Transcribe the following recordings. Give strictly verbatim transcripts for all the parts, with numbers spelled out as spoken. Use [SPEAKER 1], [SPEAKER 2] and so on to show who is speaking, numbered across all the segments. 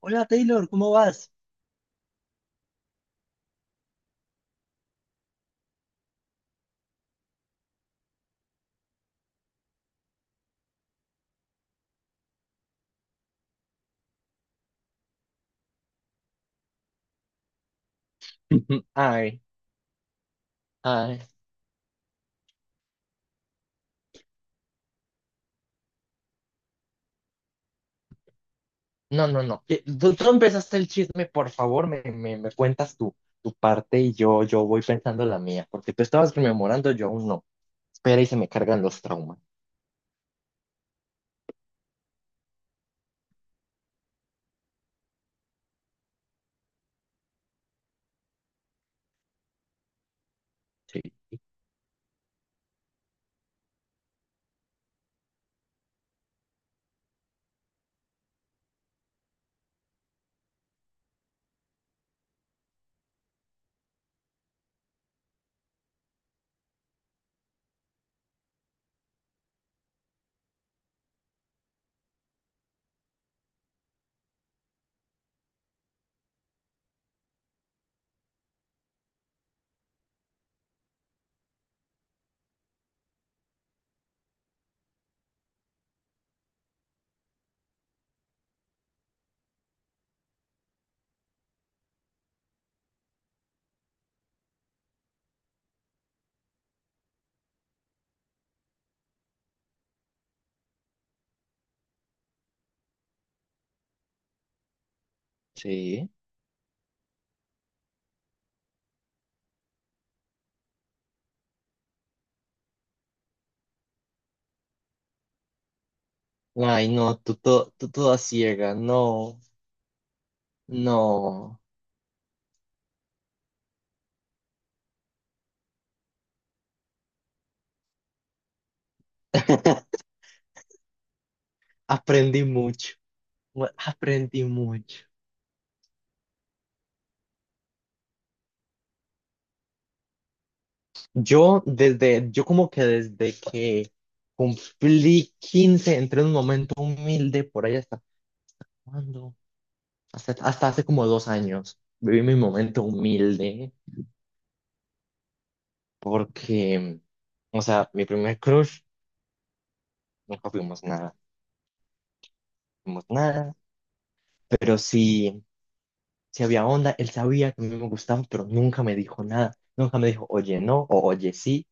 [SPEAKER 1] Hola Taylor, ¿cómo vas? Ujú. Ay, ay. No, no, no. Eh, Tú, tú empezaste el chisme, por favor, me, me, me cuentas tu, tu parte, y yo, yo voy pensando la mía, porque tú estabas rememorando, yo aún no. Espera y se me cargan los traumas. Sí, sí. Ay, no, tú, to- tú toda ciega, no, no. Aprendí mucho, mu- Aprendí mucho. Yo desde, yo como que desde que cumplí quince entré en un momento humilde por allá. ¿Cuándo? Hasta, hasta hace como dos años viví mi momento humilde, porque, o sea, mi primer crush, nunca fuimos nada, fuimos nada, pero sí, sí había onda, él sabía que a mí me gustaba, pero nunca me dijo nada, nunca me dijo, oye, no, o oye, sí.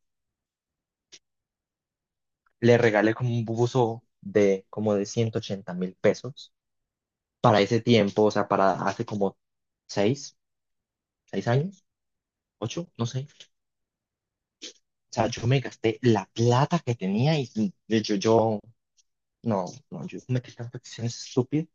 [SPEAKER 1] Le regalé como un buzo de como de ciento ochenta mil pesos para ese tiempo, o sea, para hace como seis, seis años, ocho, no sé. O sea, yo me gasté la plata que tenía y de hecho yo. No, no, yo cometí tantas acciones estúpidas.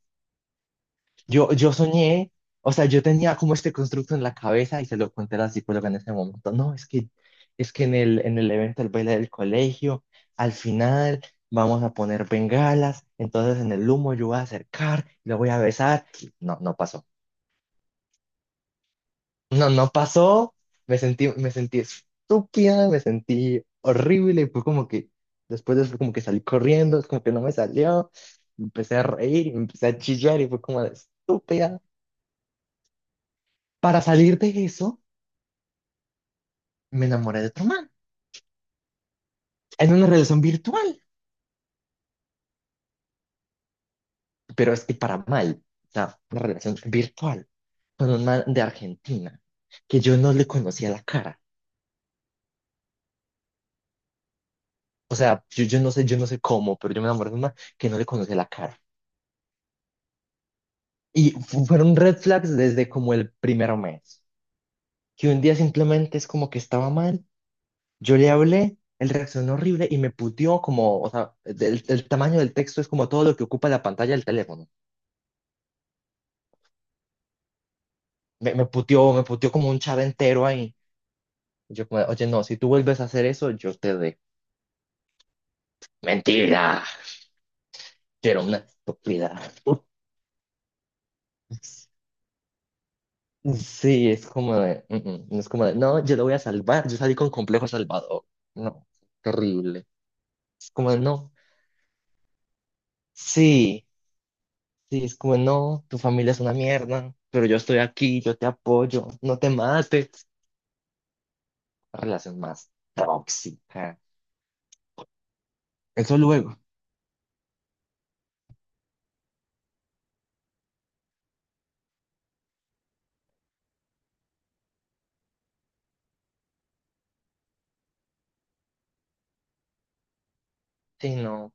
[SPEAKER 1] Yo, yo soñé, o sea, yo tenía como este constructo en la cabeza y se lo conté a la psicóloga en ese momento. No, es que, es que en el, en el evento del baile del colegio, al final vamos a poner bengalas, entonces en el humo yo voy a acercar, lo voy a besar. No, no pasó. No, no pasó. Me sentí, me sentí estúpida, me sentí horrible. Y fue como que, después de eso, como que salí corriendo, es como que no me salió. Empecé a reír, empecé a chillar y fue como de estúpida. Para salir de eso, me enamoré de otro man. En una relación virtual, pero es que para mal. O sea, una relación virtual con un man de Argentina que yo no le conocía la cara. O sea, yo, yo no sé, yo no sé cómo, pero yo me enamoré de un man que no le conocía la cara. Y fu- fueron red flags desde como el primer mes, que un día simplemente es como que estaba mal, yo le hablé, él reaccionó horrible y me puteó como, o sea, el, el tamaño del texto es como todo lo que ocupa la pantalla del teléfono. Me, me puteó, me puteó, como un chat entero ahí. Yo como, "Oye, no, si tú vuelves a hacer eso, yo te de". Mentira, quiero una estúpida. Sí, es como de, "Mm, mm", no es como de, "No, yo lo voy a salvar", yo salí con complejo salvador. No, qué horrible. Es como de, no. Sí, sí, es como, "No, tu familia es una mierda, pero yo estoy aquí, yo te apoyo, no te mates". La relación más tóxica. Eso luego. Sí, no,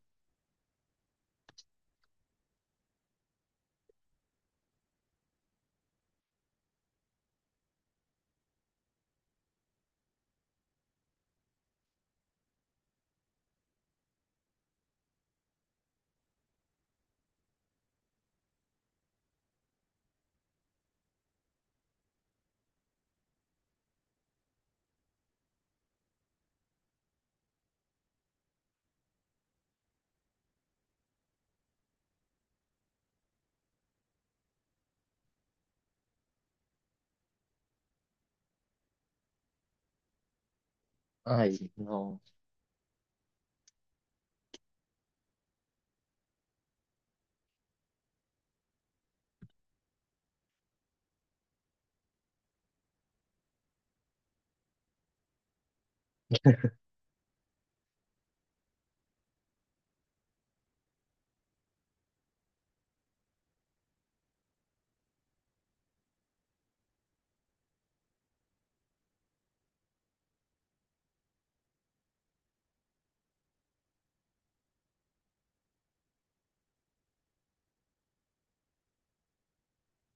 [SPEAKER 1] ay, no.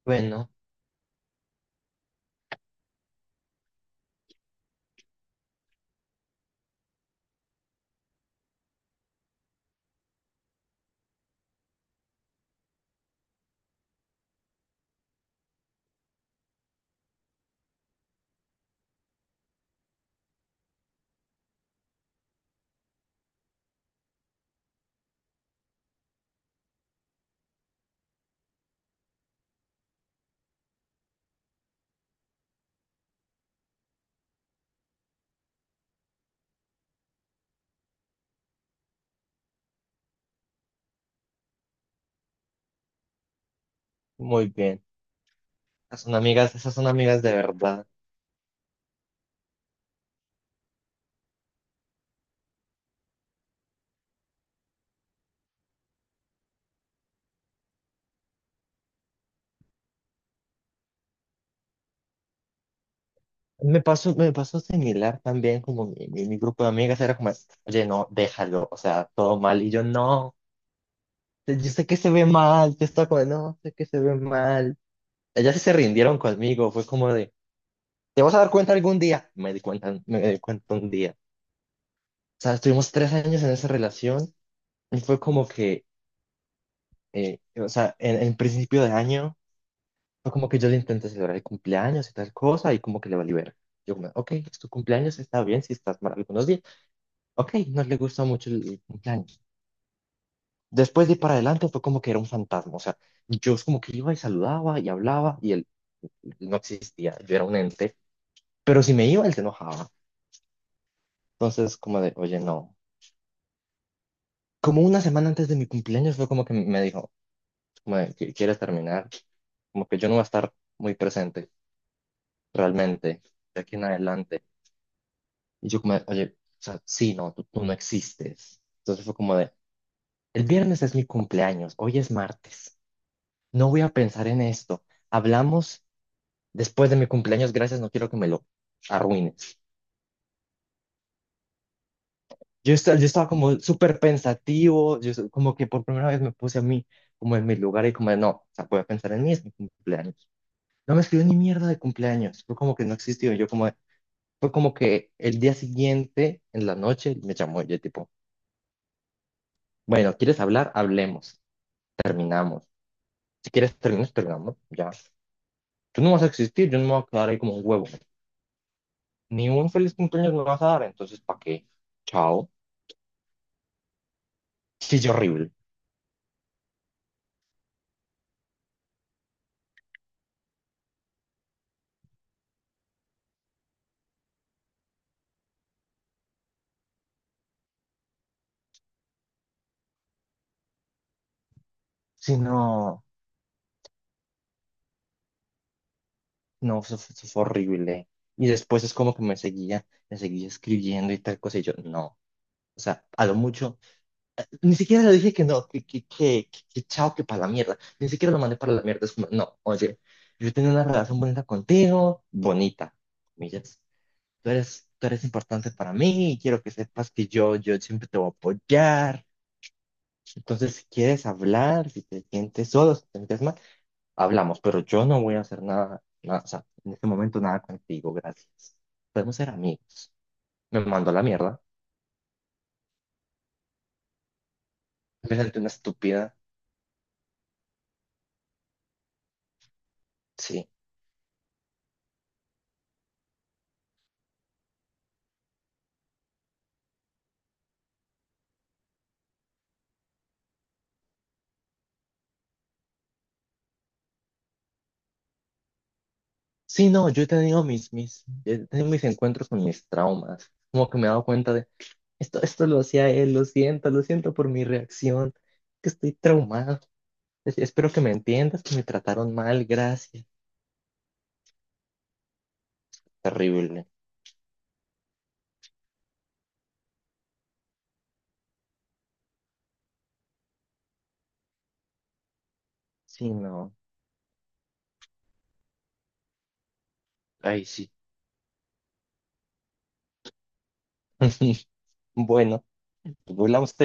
[SPEAKER 1] Bueno, muy bien. Esas son amigas, esas son amigas de verdad. Me pasó, me pasó similar también, como mi, mi, mi grupo de amigas era como, "Oye, no, déjalo", o sea, todo mal. Y yo, "No, yo sé que se ve mal", yo estaba como, "No, sé que se ve mal". Ellas sí se rindieron conmigo, fue como de, "Te vas a dar cuenta algún día". Me di cuenta, me di cuenta un día. O sea, estuvimos tres años en esa relación y fue como que, eh, o sea, en, en principio de año, fue como que yo le intenté celebrar el cumpleaños y tal cosa, y como que le valí ver. Yo como, "Ok, es tu cumpleaños, está bien, si estás mal algunos días. Ok, no le gusta mucho el, el cumpleaños". Después de ir para adelante fue como que era un fantasma. O sea, yo es como que iba y saludaba y hablaba, y él él no existía. Yo era un ente. Pero si me iba, él se enojaba. Entonces, como de, oye, no. Como una semana antes de mi cumpleaños fue como que me dijo, como de, "¿Qui- ¿quieres terminar? Como que yo no voy a estar muy presente realmente de aquí en adelante". Y yo como, de, "Oye, o sea, sí, no, tú, tú no existes". Entonces fue como de, el viernes es mi cumpleaños, hoy es martes, no voy a pensar en esto. Hablamos después de mi cumpleaños, gracias, no quiero que me lo arruines. Yo, esta- yo estaba como súper pensativo, yo so- como que por primera vez me puse a mí como en mi lugar y como de, no, o sea, voy a pensar en mí, es mi cumpleaños. No me escribió ni mierda de cumpleaños. Fue como que no existió. Yo como, de- fue como que el día siguiente, en la noche, me llamó. Yo tipo, "Bueno, ¿quieres hablar? Hablemos. Terminamos. Si quieres terminar, terminamos. Ya. Tú no vas a existir, yo no me voy a quedar ahí como un huevo. Ni un feliz cumpleaños me vas a dar, entonces, ¿para qué? Chao". Sí, yo horrible. Sí, no, no, eso, fue eso fue horrible. Y después es como que me seguía, me seguía escribiendo y tal cosa. Y yo, no. O sea, a lo mucho. Ni siquiera le dije que no, que, que, que, que, que chao, que para la mierda. Ni siquiera lo mandé para la mierda. Es como, "No, oye, yo tenía una relación bonita contigo, bonita, comillas. Tú eres, tú eres importante para mí y quiero que sepas que yo, yo siempre te voy a apoyar. Entonces, si quieres hablar, si te sientes solo, si te sientes mal, hablamos, pero yo no voy a hacer nada, nada, o sea, en este momento nada contigo, gracias. Podemos ser amigos". Me mandó a la mierda. Me senté una estúpida. Sí. Sí, no, yo he tenido mis, mis, he tenido mis encuentros con mis traumas. Como que me he dado cuenta de, esto, esto lo hacía él, lo siento, lo siento por mi reacción, que estoy traumado. Es- espero que me entiendas, que me trataron mal, gracias. Terrible. Sí, no. Ay, sí. Bueno, volvamos